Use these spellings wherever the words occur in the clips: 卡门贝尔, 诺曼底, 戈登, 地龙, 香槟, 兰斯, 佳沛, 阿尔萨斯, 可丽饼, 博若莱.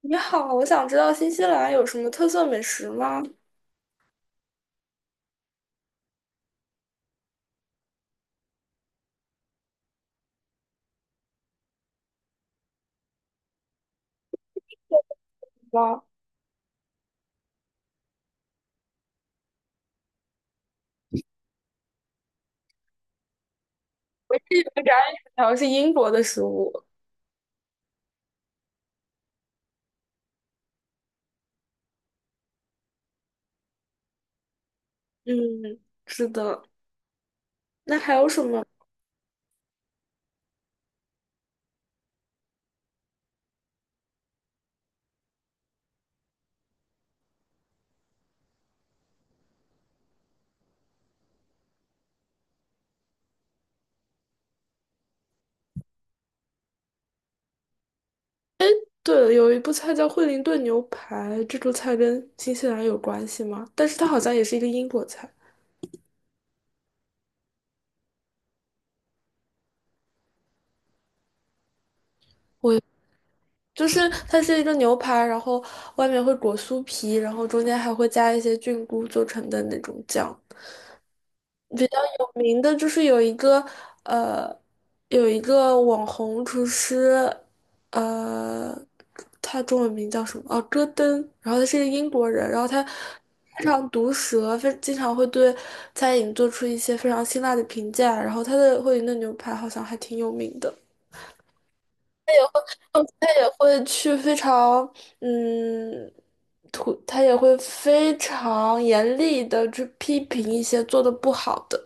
你好，我想知道新西兰有什么特色美食吗？哇，我也以为炸鱼薯条是英国的食物。嗯，是的。那还有什么？对了，有一部菜叫惠灵顿牛排，这道菜跟新西兰有关系吗？但是它好像也是一个英国菜，就是它是一个牛排，然后外面会裹酥皮，然后中间还会加一些菌菇做成的那种酱。比较有名的就是有一个呃，有一个网红厨师，呃，他中文名叫什么？哦，戈登。然后他是个英国人，然后他非常毒舌，非经常会对餐饮做出一些非常辛辣的评价。然后他的惠灵顿牛排好像还挺有名的。哦，他也会去非常嗯，土，他也会非常严厉的去批评一些做的不好的。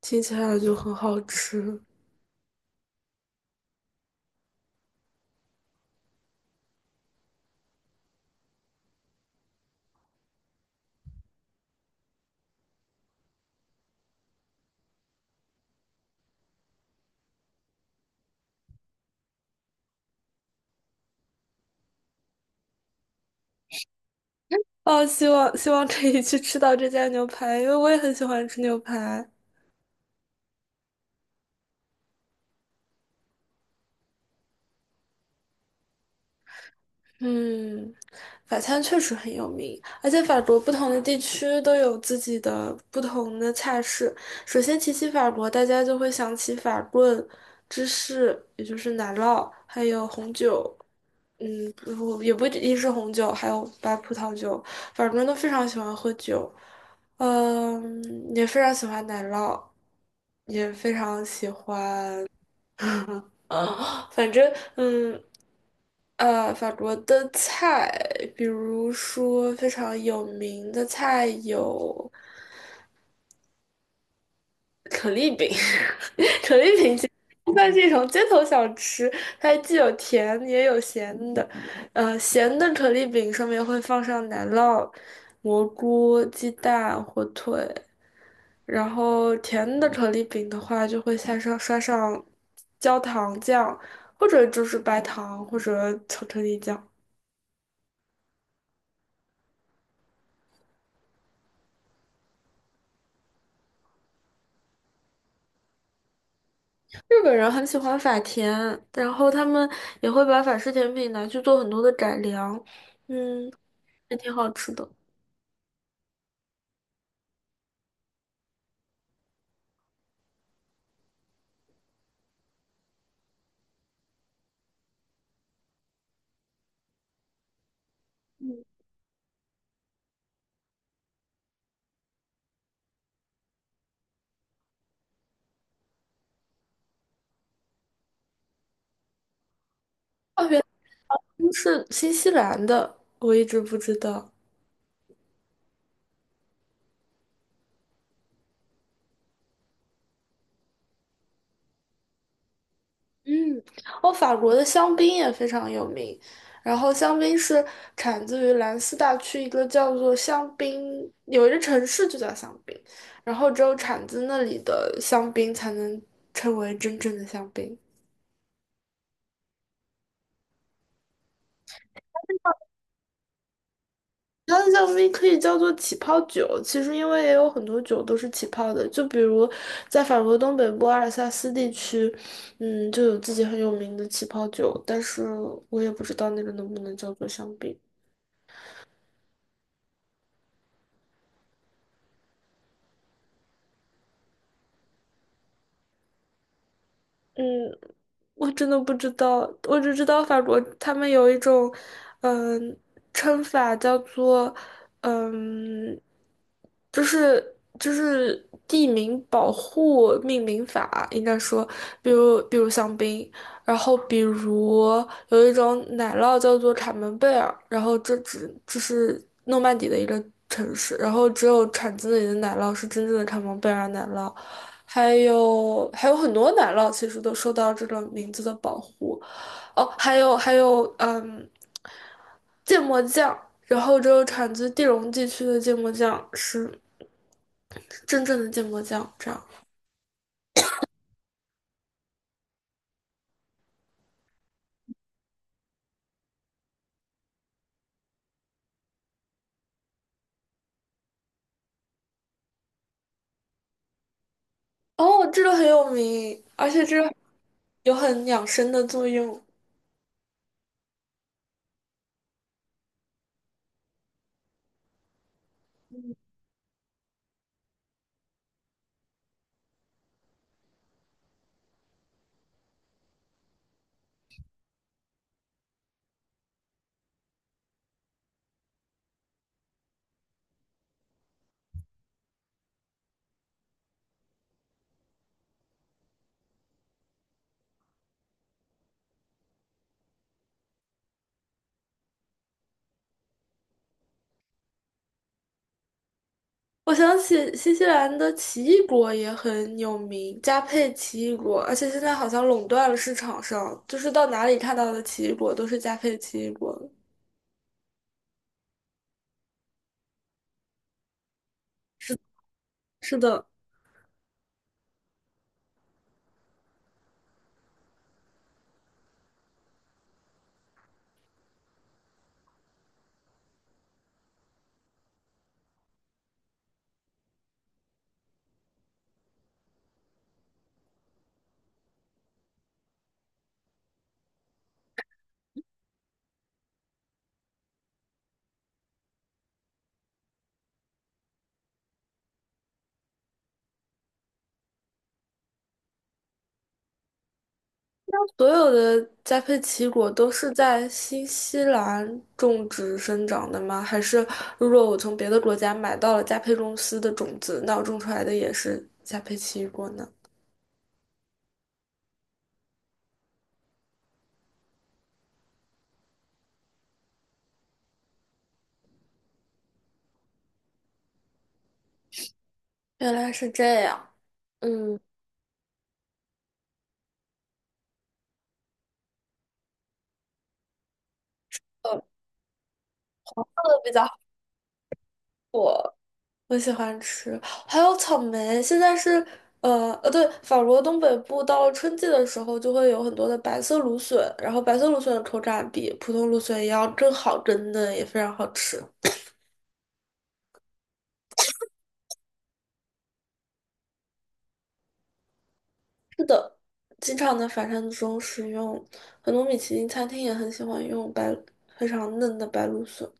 听起来就很好吃哦！希望可以去吃到这家牛排，因为我也很喜欢吃牛排。嗯，法餐确实很有名，而且法国不同的地区都有自己的不同的菜式。首先提起法国，大家就会想起法棍、芝士，也就是奶酪，还有红酒。嗯，不，也不一定是红酒，还有白葡萄酒，法国人都非常喜欢喝酒，嗯，也非常喜欢奶酪，也非常喜欢，啊，反正嗯，法国的菜，比如说非常有名的菜有可丽饼，饭是一种街头小吃，它既有甜也有咸的。咸的可丽饼上面会放上奶酪、蘑菇、鸡蛋、火腿，然后甜的可丽饼的话就会下上刷上焦糖酱，或者就是白糖或者巧克力酱。日本人很喜欢法甜，然后他们也会把法式甜品拿去做很多的改良，嗯，也挺好吃的。哦，是新西兰的，我一直不知道。嗯，哦，法国的香槟也非常有名，然后香槟是产自于兰斯大区一个叫做香槟，有一个城市就叫香槟，然后只有产自那里的香槟才能称为真正的香槟。它的香槟可以叫做起泡酒，其实因为也有很多酒都是起泡的，就比如在法国东北部阿尔萨斯地区，嗯，就有自己很有名的起泡酒，但是我也不知道那个能不能叫做香槟。嗯，我真的不知道，我只知道法国他们有一种，嗯，称法叫做，嗯，就是地名保护命名法，应该说，比如香槟，然后比如有一种奶酪叫做卡门贝尔，然后这是诺曼底的一个城市，然后只有产自那里的奶酪是真正的卡门贝尔奶酪。还有很多奶酪其实都受到这个名字的保护。哦，还有嗯，芥末酱，然后只有产自地龙地区的芥末酱是真正的芥末酱，这样。哦，这个很有名，而且这个有很养生的作用。我想起新西兰的奇异果也很有名，佳沛奇异果，而且现在好像垄断了市场上，就是到哪里看到的奇异果都是佳沛奇异果。是，是的。所有的加佩奇果都是在新西兰种植生长的吗？还是如果我从别的国家买到了加佩公司的种子，那我种出来的也是加佩奇果呢？原来是这样。嗯，做的比较好，我喜欢吃，还有草莓。现在是，对，法国东北部到了春季的时候，就会有很多的白色芦笋，然后白色芦笋的口感比普通芦笋也要更好，更嫩，也非常好吃。的，经常的法餐中使用，很多米其林餐厅也很喜欢用白非常嫩的白芦笋，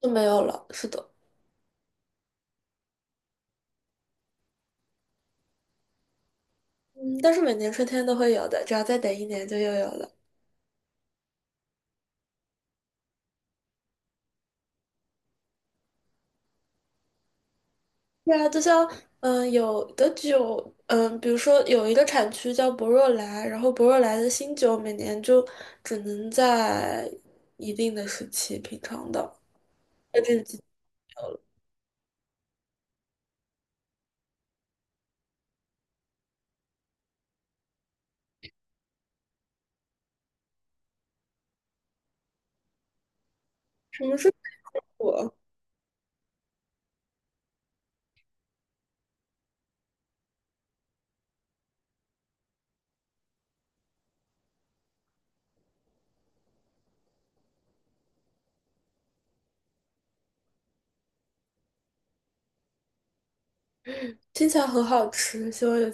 就没有了。是的。嗯，但是每年春天都会有的，只要再等一年就又有了。对啊，就像嗯，有的酒，嗯，比如说有一个产区叫博若莱，然后博若莱的新酒每年就只能在一定的时期品尝到。在这个季什么是果？听起来很好吃，希望有，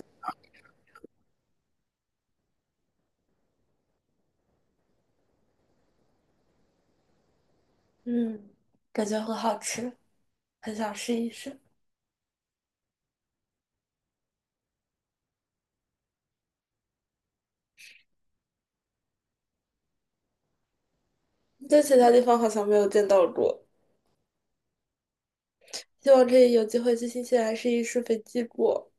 嗯，感觉很好吃。很想试一试。在其他地方好像没有见到过，希望可以有机会去新西兰试一试飞机过。